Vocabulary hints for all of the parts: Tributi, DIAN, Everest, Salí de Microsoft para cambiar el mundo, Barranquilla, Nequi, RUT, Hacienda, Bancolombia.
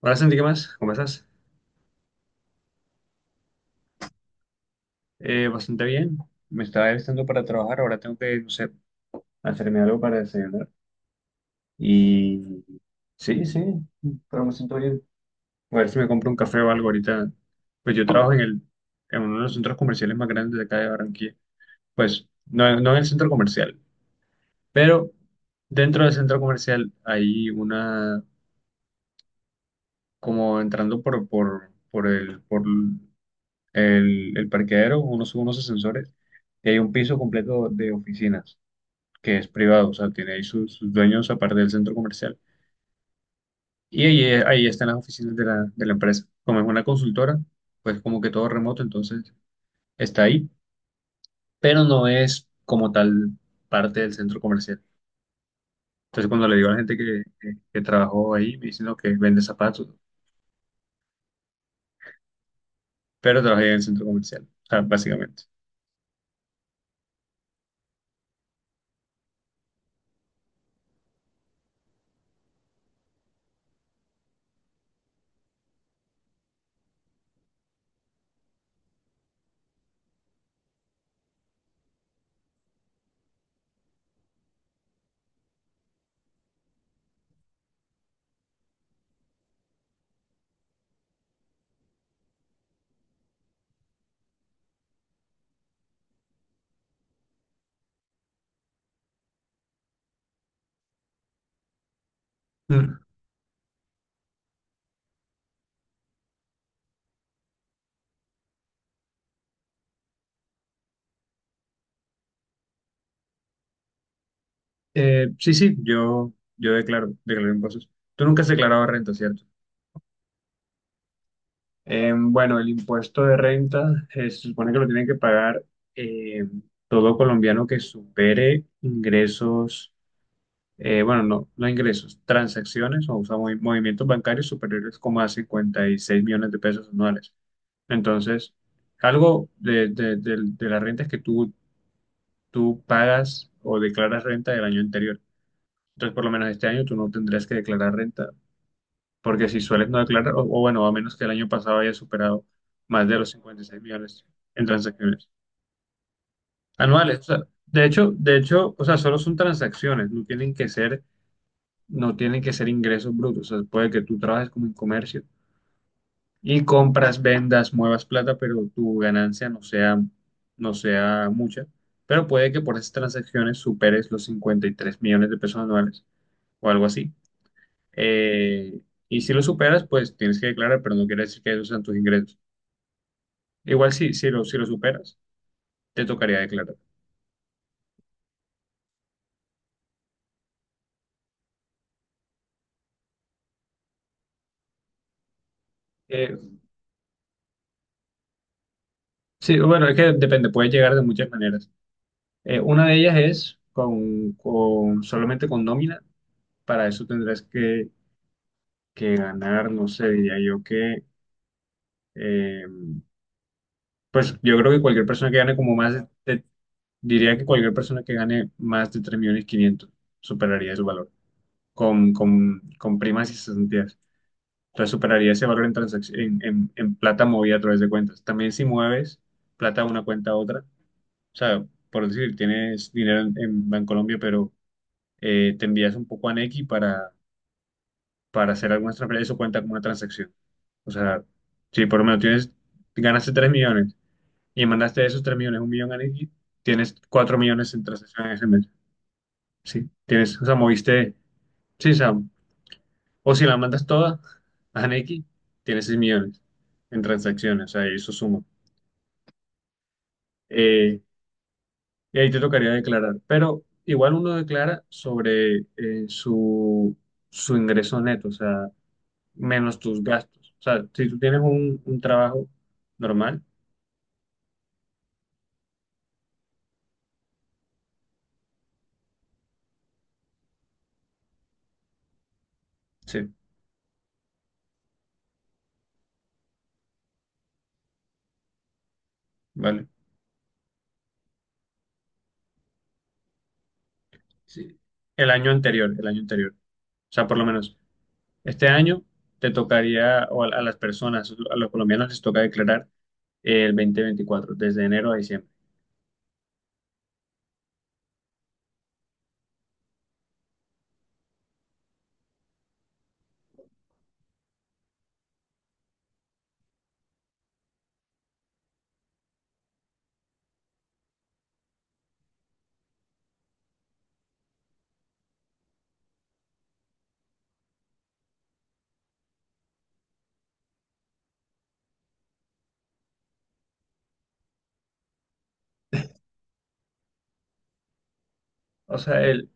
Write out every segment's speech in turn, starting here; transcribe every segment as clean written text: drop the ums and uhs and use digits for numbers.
Hola Santi, ¿qué más? ¿Cómo estás? Bastante bien. Me estaba alistando para trabajar, ahora tengo que, no sé, hacerme algo para desayunar. Y sí, sí, pero me siento bien. A ver si me compro un café o algo ahorita. Pues yo trabajo en uno de los centros comerciales más grandes de acá de Barranquilla. Pues no, no en el centro comercial, pero dentro del centro comercial hay una, como entrando por el parqueadero, unos ascensores, y hay un piso completo de oficinas, que es privado, o sea, tiene ahí sus dueños aparte del centro comercial. Y ahí están las oficinas de la empresa. Como es una consultora, pues como que todo remoto, entonces está ahí, pero no es como tal parte del centro comercial. Entonces cuando le digo a la gente que trabajó ahí, me dicen "No, que vende zapatos", pero trabajé en el centro comercial, o sea, básicamente. Sí, sí, yo declaro impuestos. Tú nunca has declarado renta, ¿cierto? Bueno, el impuesto de renta se supone que lo tiene que pagar eh, todo colombiano que supere ingresos, bueno, no ingresos, transacciones, o sea, movimientos bancarios superiores como a 56 millones de pesos anuales. Entonces, algo de la renta es que tú pagas o declaras renta del año anterior. Entonces, por lo menos este año tú no tendrás que declarar renta porque si sueles no declarar, o bueno, a menos que el año pasado haya superado más de los 56 millones en transacciones anuales. O sea, de hecho, o sea, solo son transacciones, no tienen que ser ingresos brutos. O sea, puede que tú trabajes como en comercio y compras, vendas, muevas plata, pero tu ganancia no sea mucha. Pero puede que por esas transacciones superes los 53 millones de pesos anuales o algo así. Eh, y si lo superas, pues tienes que declarar, pero no quiere decir que esos sean tus ingresos. Igual si lo superas, te tocaría declarar. Eh, sí, bueno, es que depende, puede llegar de muchas maneras. Una de ellas es solamente con nómina. Para eso tendrás que ganar, no sé, diría yo que, eh, pues yo creo que cualquier persona que gane como más diría que cualquier persona que gane más de 3.500.000 superaría su valor, con primas y cesantías. Entonces superaría ese valor en, en plata movida a través de cuentas. También si mueves plata de una cuenta a otra, o sea, por decir, tienes dinero en Bancolombia, pero te envías un poco a Nequi para hacer algunas transferencias, eso cuenta como una transacción. O sea, si por lo menos tienes, ganaste 3 millones y mandaste de esos 3 millones, 1 millón a Nequi, tienes 4 millones en transacciones ese mes. Sí, tienes, o sea, moviste, sí, o sea, o si la mandas toda a Nequi, tienes 6 millones en transacciones, o sea, y eso suma. Eh, y ahí te tocaría declarar. Pero igual uno declara sobre su, su ingreso neto, o sea, menos tus gastos. O sea, si tú tienes un trabajo normal, sí, vale. Sí. El año anterior. O sea, por lo menos este año te tocaría, o a las personas, a los colombianos les toca declarar el 2024 desde enero a diciembre. O sea,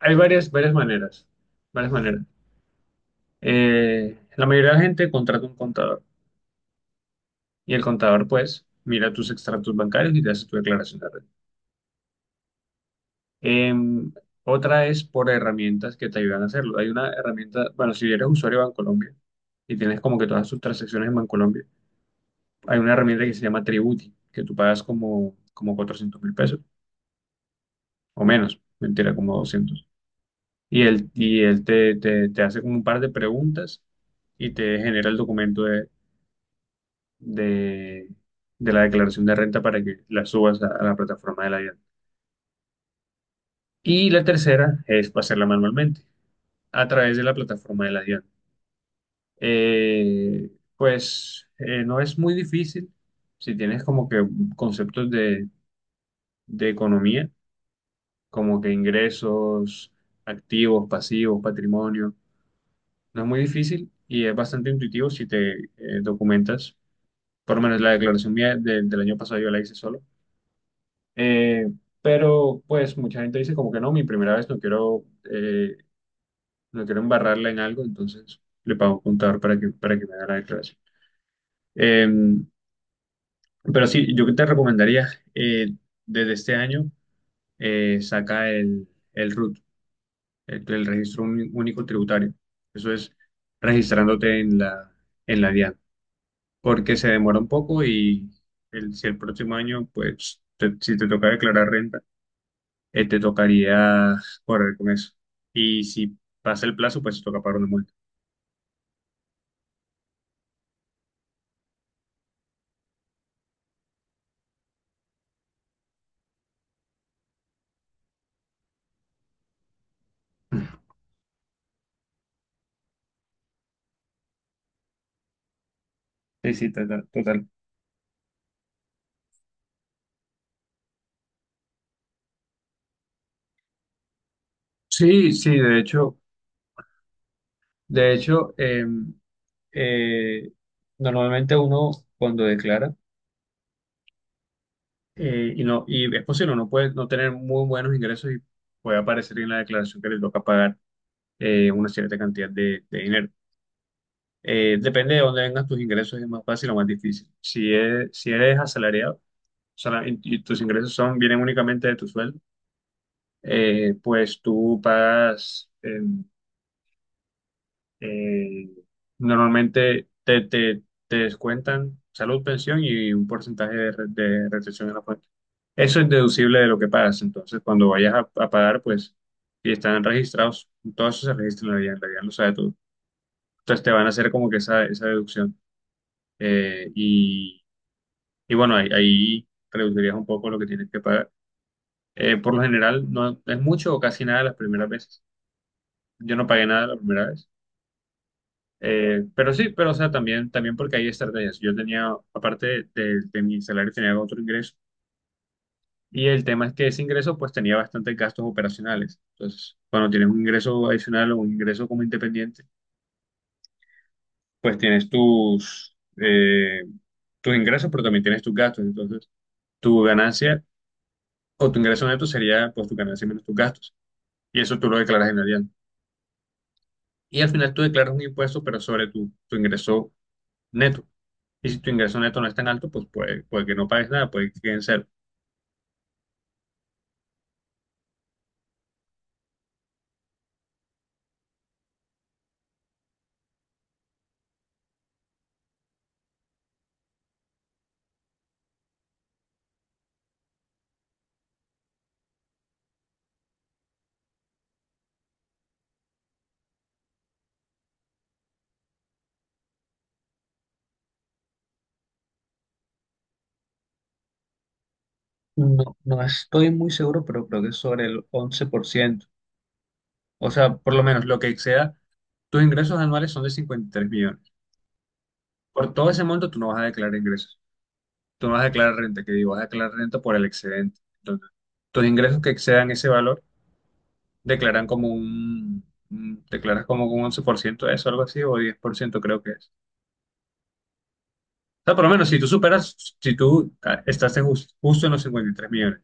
hay varias maneras, varias maneras. La mayoría de la gente contrata un contador. Y el contador, pues, mira tus extractos bancarios y te hace tu declaración de renta. Em, otra es por herramientas que te ayudan a hacerlo. Hay una herramienta, bueno, si eres usuario de Bancolombia y tienes como que todas tus transacciones en Bancolombia, hay una herramienta que se llama Tributi, que tú pagas como, como $400.000 o menos, mentira, como doscientos. Y él te, te hace como un par de preguntas y te genera el documento de, de la declaración de renta para que la subas a la plataforma de la IA. Y la tercera es pasarla manualmente a través de la plataforma de la DIAN. Pues no es muy difícil si tienes como que conceptos de economía, como que ingresos, activos, pasivos, patrimonio. No es muy difícil y es bastante intuitivo si te documentas. Por lo menos la declaración mía del año pasado yo la hice solo. Eh, pero pues mucha gente dice como que no, mi primera vez no quiero eh, no quiero embarrarla en algo, entonces le pago un contador para para que me haga la declaración. Eh, pero sí, yo te recomendaría eh, desde este año saca el RUT, el Registro Único Tributario. Eso es registrándote en en la DIAN, porque se demora un poco y si el próximo año, pues si te toca declarar renta, te tocaría correr con eso. Y si pasa el plazo, pues te toca pagar una multa. Sí, sí, total. Total. Sí, sí, de hecho, em, eh, normalmente uno cuando declara y es posible no puede no tener muy buenos ingresos y puede aparecer en la declaración que le toca pagar una cierta cantidad de dinero. Depende de dónde vengan tus ingresos, es más fácil o más difícil. Si es, si eres asalariado, o sea, y tus ingresos son vienen únicamente de tu sueldo, pues tú pagas. Em, eh, normalmente te descuentan salud, pensión y un porcentaje de, de retención en la fuente. Eso es deducible de lo que pagas. Entonces, cuando vayas a pagar, pues, si están registrados, todo eso se registra en la guía lo sabe todo. Entonces, te van a hacer como que esa deducción. Eh, y, y bueno, ahí reducirías un poco lo que tienes que pagar. Por lo general, no es mucho o casi nada las primeras veces. Yo no pagué nada la primera vez. Pero sí, pero o sea, también, también porque hay estrategias. Yo tenía, aparte de mi salario, tenía otro ingreso. Y el tema es que ese ingreso, pues tenía bastantes gastos operacionales. Entonces, cuando tienes un ingreso adicional o un ingreso como independiente, pues tienes tus, tus ingresos, pero también tienes tus gastos. Entonces, tu ganancia o tu ingreso neto sería, pues, tu ganancia menos tus gastos. Y eso tú lo declaras en Hacienda. Y al final tú declaras un impuesto, pero sobre tu ingreso neto. Y si tu ingreso neto no es tan alto, pues puede, puede que no pagues nada, puede que quede en cero. No, no estoy muy seguro, pero creo que es sobre el 11%. O sea, por lo menos lo que exceda, tus ingresos anuales son de 53 millones. Por todo ese monto, tú no vas a declarar ingresos. Tú no vas a declarar renta, que digo, vas a declarar renta por el excedente. Entonces, tus ingresos que excedan ese valor, declaran como declaras como un 11% de eso, algo así, o 10% creo que es. O sea, por lo menos, si tú superas, si tú ah, estás en justo en los 53 millones,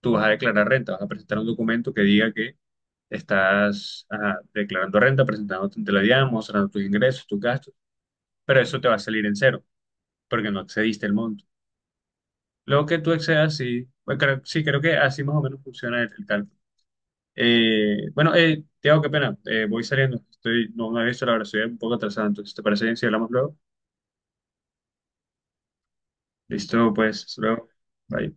tú vas a declarar renta, vas a presentar un documento que diga que estás ajá, declarando renta, presentándote ante la DIAN, mostrando tus ingresos, tus gastos, pero eso te va a salir en cero, porque no excediste el monto. Lo que tú excedas, sí, bueno, sí, creo que así más o menos funciona el cálculo. Bueno, Tiago, qué pena, voy saliendo, estoy, no, no he visto la hora, estoy un poco atrasado, entonces, ¿te parece bien si hablamos luego? Listo, pues, hasta luego. Bye.